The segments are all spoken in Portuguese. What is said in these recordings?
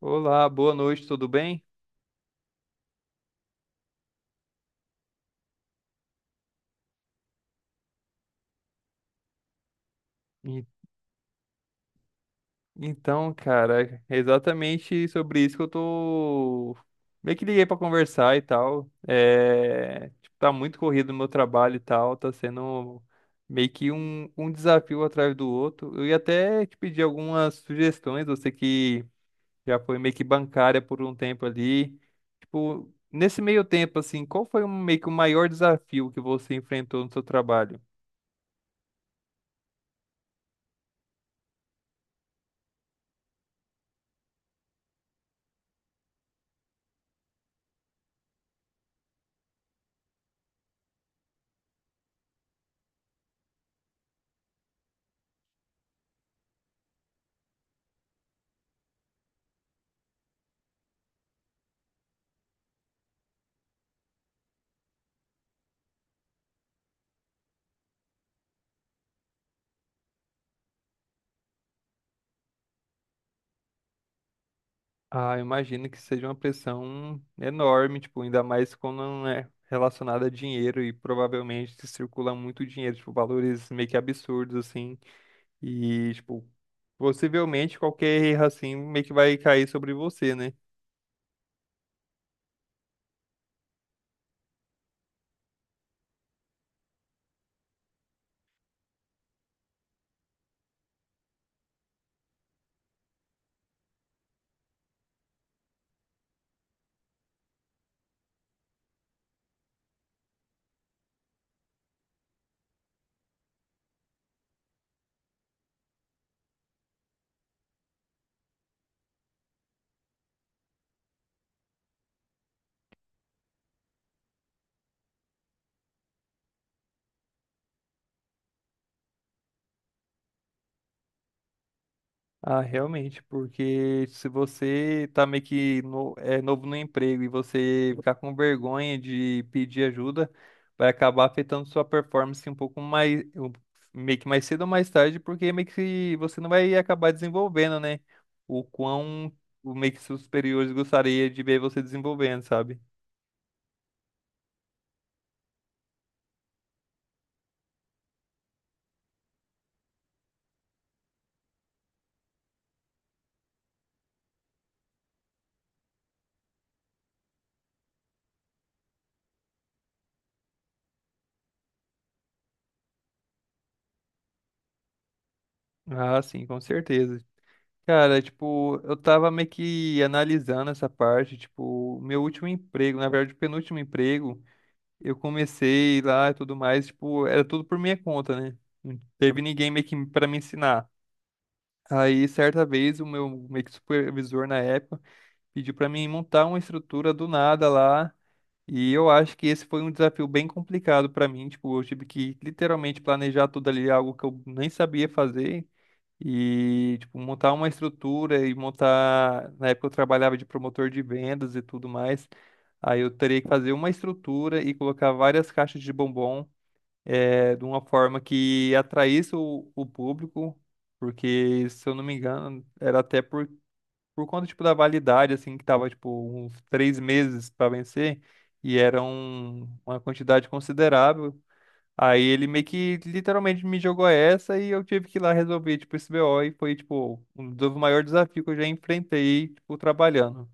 Olá, boa noite, tudo bem? E- Então, cara, é exatamente sobre isso que eu tô meio que liguei pra conversar e tal. É, tipo, tá muito corrido o meu trabalho e tal, tá sendo meio que um desafio um atrás do outro. Eu ia até te pedir algumas sugestões, você que já foi meio que bancária por um tempo ali. Tipo, nesse meio tempo, assim, qual foi meio que o maior desafio que você enfrentou no seu trabalho? Ah, eu imagino que seja uma pressão enorme, tipo, ainda mais quando não é relacionada a dinheiro e provavelmente se circula muito dinheiro, tipo, valores meio que absurdos, assim, e, tipo, possivelmente qualquer erro, assim, meio que vai cair sobre você, né? Ah, realmente, porque se você tá meio que é novo no emprego e você ficar com vergonha de pedir ajuda, vai acabar afetando sua performance um pouco mais, meio que mais cedo ou mais tarde, porque meio que você não vai acabar desenvolvendo, né? O quão o meio que seus superiores gostaria de ver você desenvolvendo, sabe? Ah, sim, com certeza. Cara, tipo, eu tava meio que analisando essa parte, tipo, meu último emprego, na verdade, o penúltimo emprego. Eu comecei lá e tudo mais, tipo, era tudo por minha conta, né? Não teve ninguém meio que para me ensinar. Aí, certa vez, o meu meio que supervisor na época pediu para mim montar uma estrutura do nada lá. E eu acho que esse foi um desafio bem complicado para mim. Tipo, eu tive que literalmente planejar tudo ali, algo que eu nem sabia fazer. E, tipo, montar uma estrutura e montar. Na época eu trabalhava de promotor de vendas e tudo mais. Aí eu teria que fazer uma estrutura e colocar várias caixas de bombom de uma forma que atraísse o público, porque, se eu não me engano, era até por conta, tipo, da validade, assim, que tava, tipo, uns três meses para vencer, e era uma quantidade considerável. Aí ele meio que literalmente me jogou essa e eu tive que ir lá resolver, tipo, esse BO e foi, tipo, um dos maiores desafios que eu já enfrentei, tipo, trabalhando.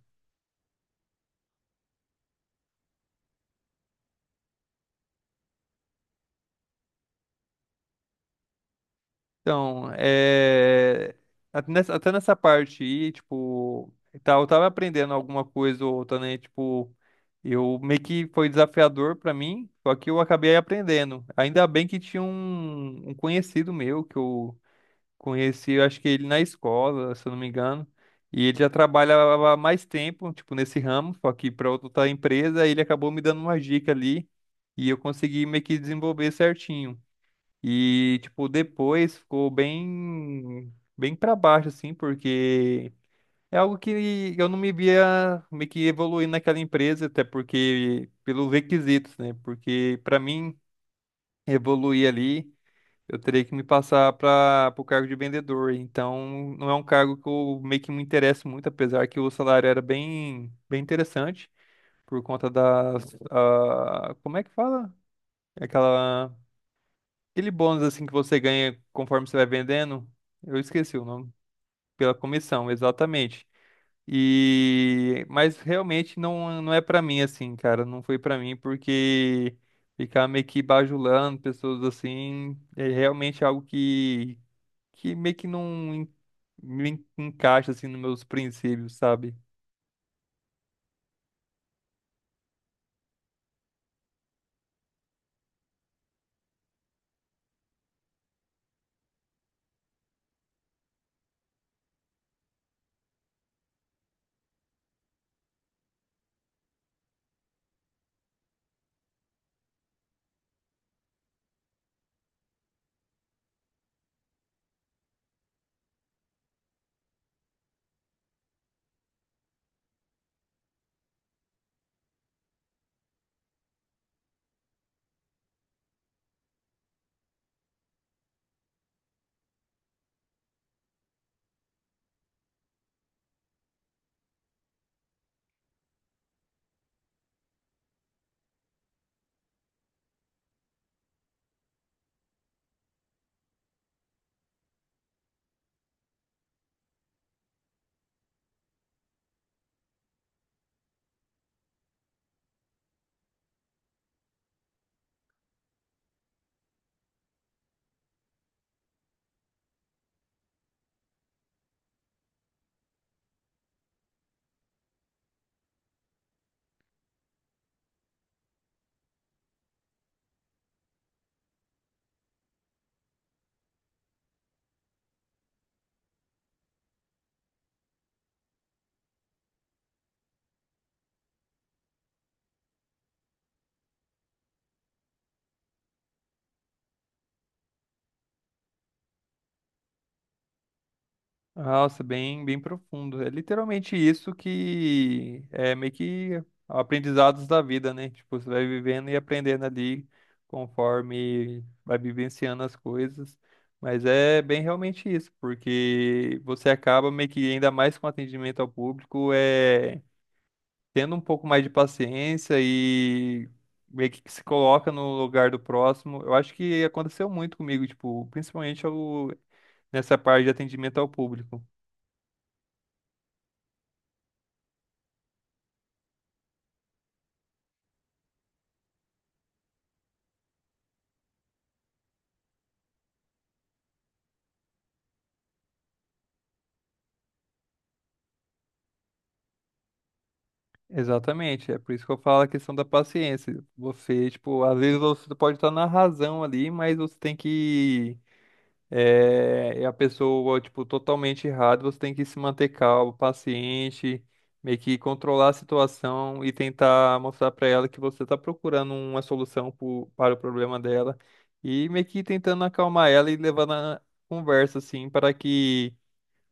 Então, até nessa parte aí, tipo, e tal, eu tava aprendendo alguma coisa ou outra, né? Tipo, eu meio que foi desafiador pra mim, só que eu acabei aprendendo. Ainda bem que tinha um conhecido meu que eu conheci, eu acho que ele na escola, se eu não me engano. E ele já trabalhava há mais tempo, tipo, nesse ramo, só que para outra empresa, ele acabou me dando uma dica ali e eu consegui meio que desenvolver certinho. E, tipo, depois ficou bem, bem para baixo, assim, porque é algo que eu não me via meio que evoluindo naquela empresa, até porque, pelos requisitos, né? Porque, para mim, evoluir ali. Eu teria que me passar para o cargo de vendedor. Então, não é um cargo que eu meio que me interesso muito, apesar que o salário era bem, bem interessante, por conta das. Ah, como é que fala? Aquela, aquele bônus assim que você ganha conforme você vai vendendo. Eu esqueci o nome. Pela comissão, exatamente. E, mas realmente não, não é para mim assim, cara. Não foi para mim porque ficar meio que bajulando pessoas assim é realmente algo que meio que não en- me encaixa assim nos meus princípios, sabe? Nossa, bem, bem profundo. É literalmente isso que é meio que aprendizados da vida, né? Tipo, você vai vivendo e aprendendo ali conforme vai vivenciando as coisas. Mas é bem realmente isso, porque você acaba meio que ainda mais com atendimento ao público, tendo um pouco mais de paciência e meio que se coloca no lugar do próximo. Eu acho que aconteceu muito comigo, tipo, principalmente nessa parte de atendimento ao público. Exatamente, é por isso que eu falo a questão da paciência. Você, tipo, às vezes você pode estar na razão ali, mas você tem que e a pessoa, tipo, totalmente errada, você tem que se manter calmo, paciente, meio que controlar a situação e tentar mostrar para ela que você está procurando uma solução para o problema dela e meio que tentando acalmar ela e levando a conversa, assim, para que,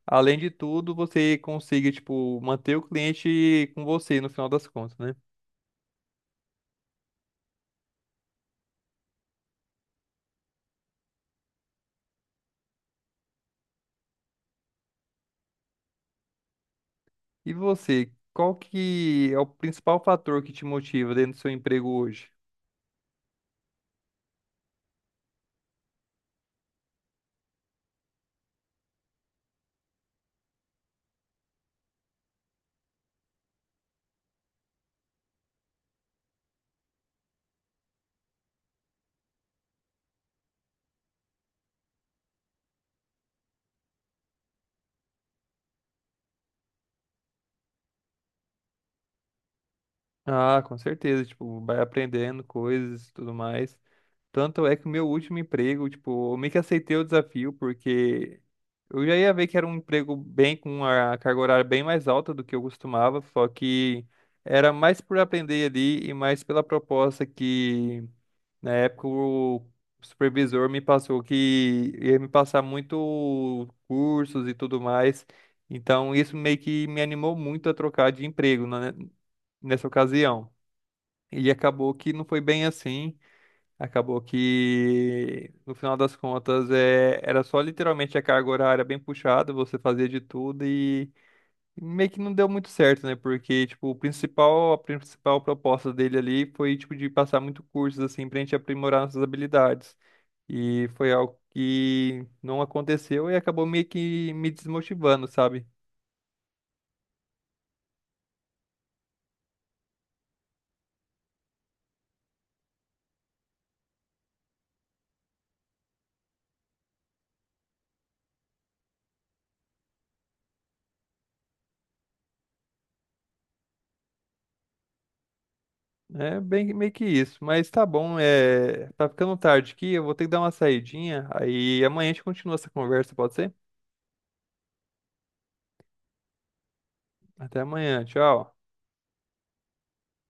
além de tudo, você consiga, tipo, manter o cliente com você no final das contas, né? E você, qual que é o principal fator que te motiva dentro do seu emprego hoje? Ah, com certeza, tipo, vai aprendendo coisas e tudo mais. Tanto é que o meu último emprego, tipo, eu meio que aceitei o desafio, porque eu já ia ver que era um emprego bem com a carga horária bem mais alta do que eu costumava, só que era mais por aprender ali e mais pela proposta que na época o supervisor me passou que ia me passar muito cursos e tudo mais. Então isso meio que me animou muito a trocar de emprego, né, nessa ocasião. E acabou que não foi bem assim. Acabou que, no final das contas, era só literalmente a carga horária bem puxada, você fazia de tudo e meio que não deu muito certo, né? Porque, tipo, a principal proposta dele ali foi, tipo, de passar muito cursos, assim, pra gente aprimorar nossas habilidades. E foi algo que não aconteceu e acabou meio que me desmotivando, sabe? É bem, meio que isso. Mas tá bom, tá ficando tarde aqui, eu vou ter que dar uma saidinha. Aí amanhã a gente continua essa conversa, pode ser? Até amanhã, tchau.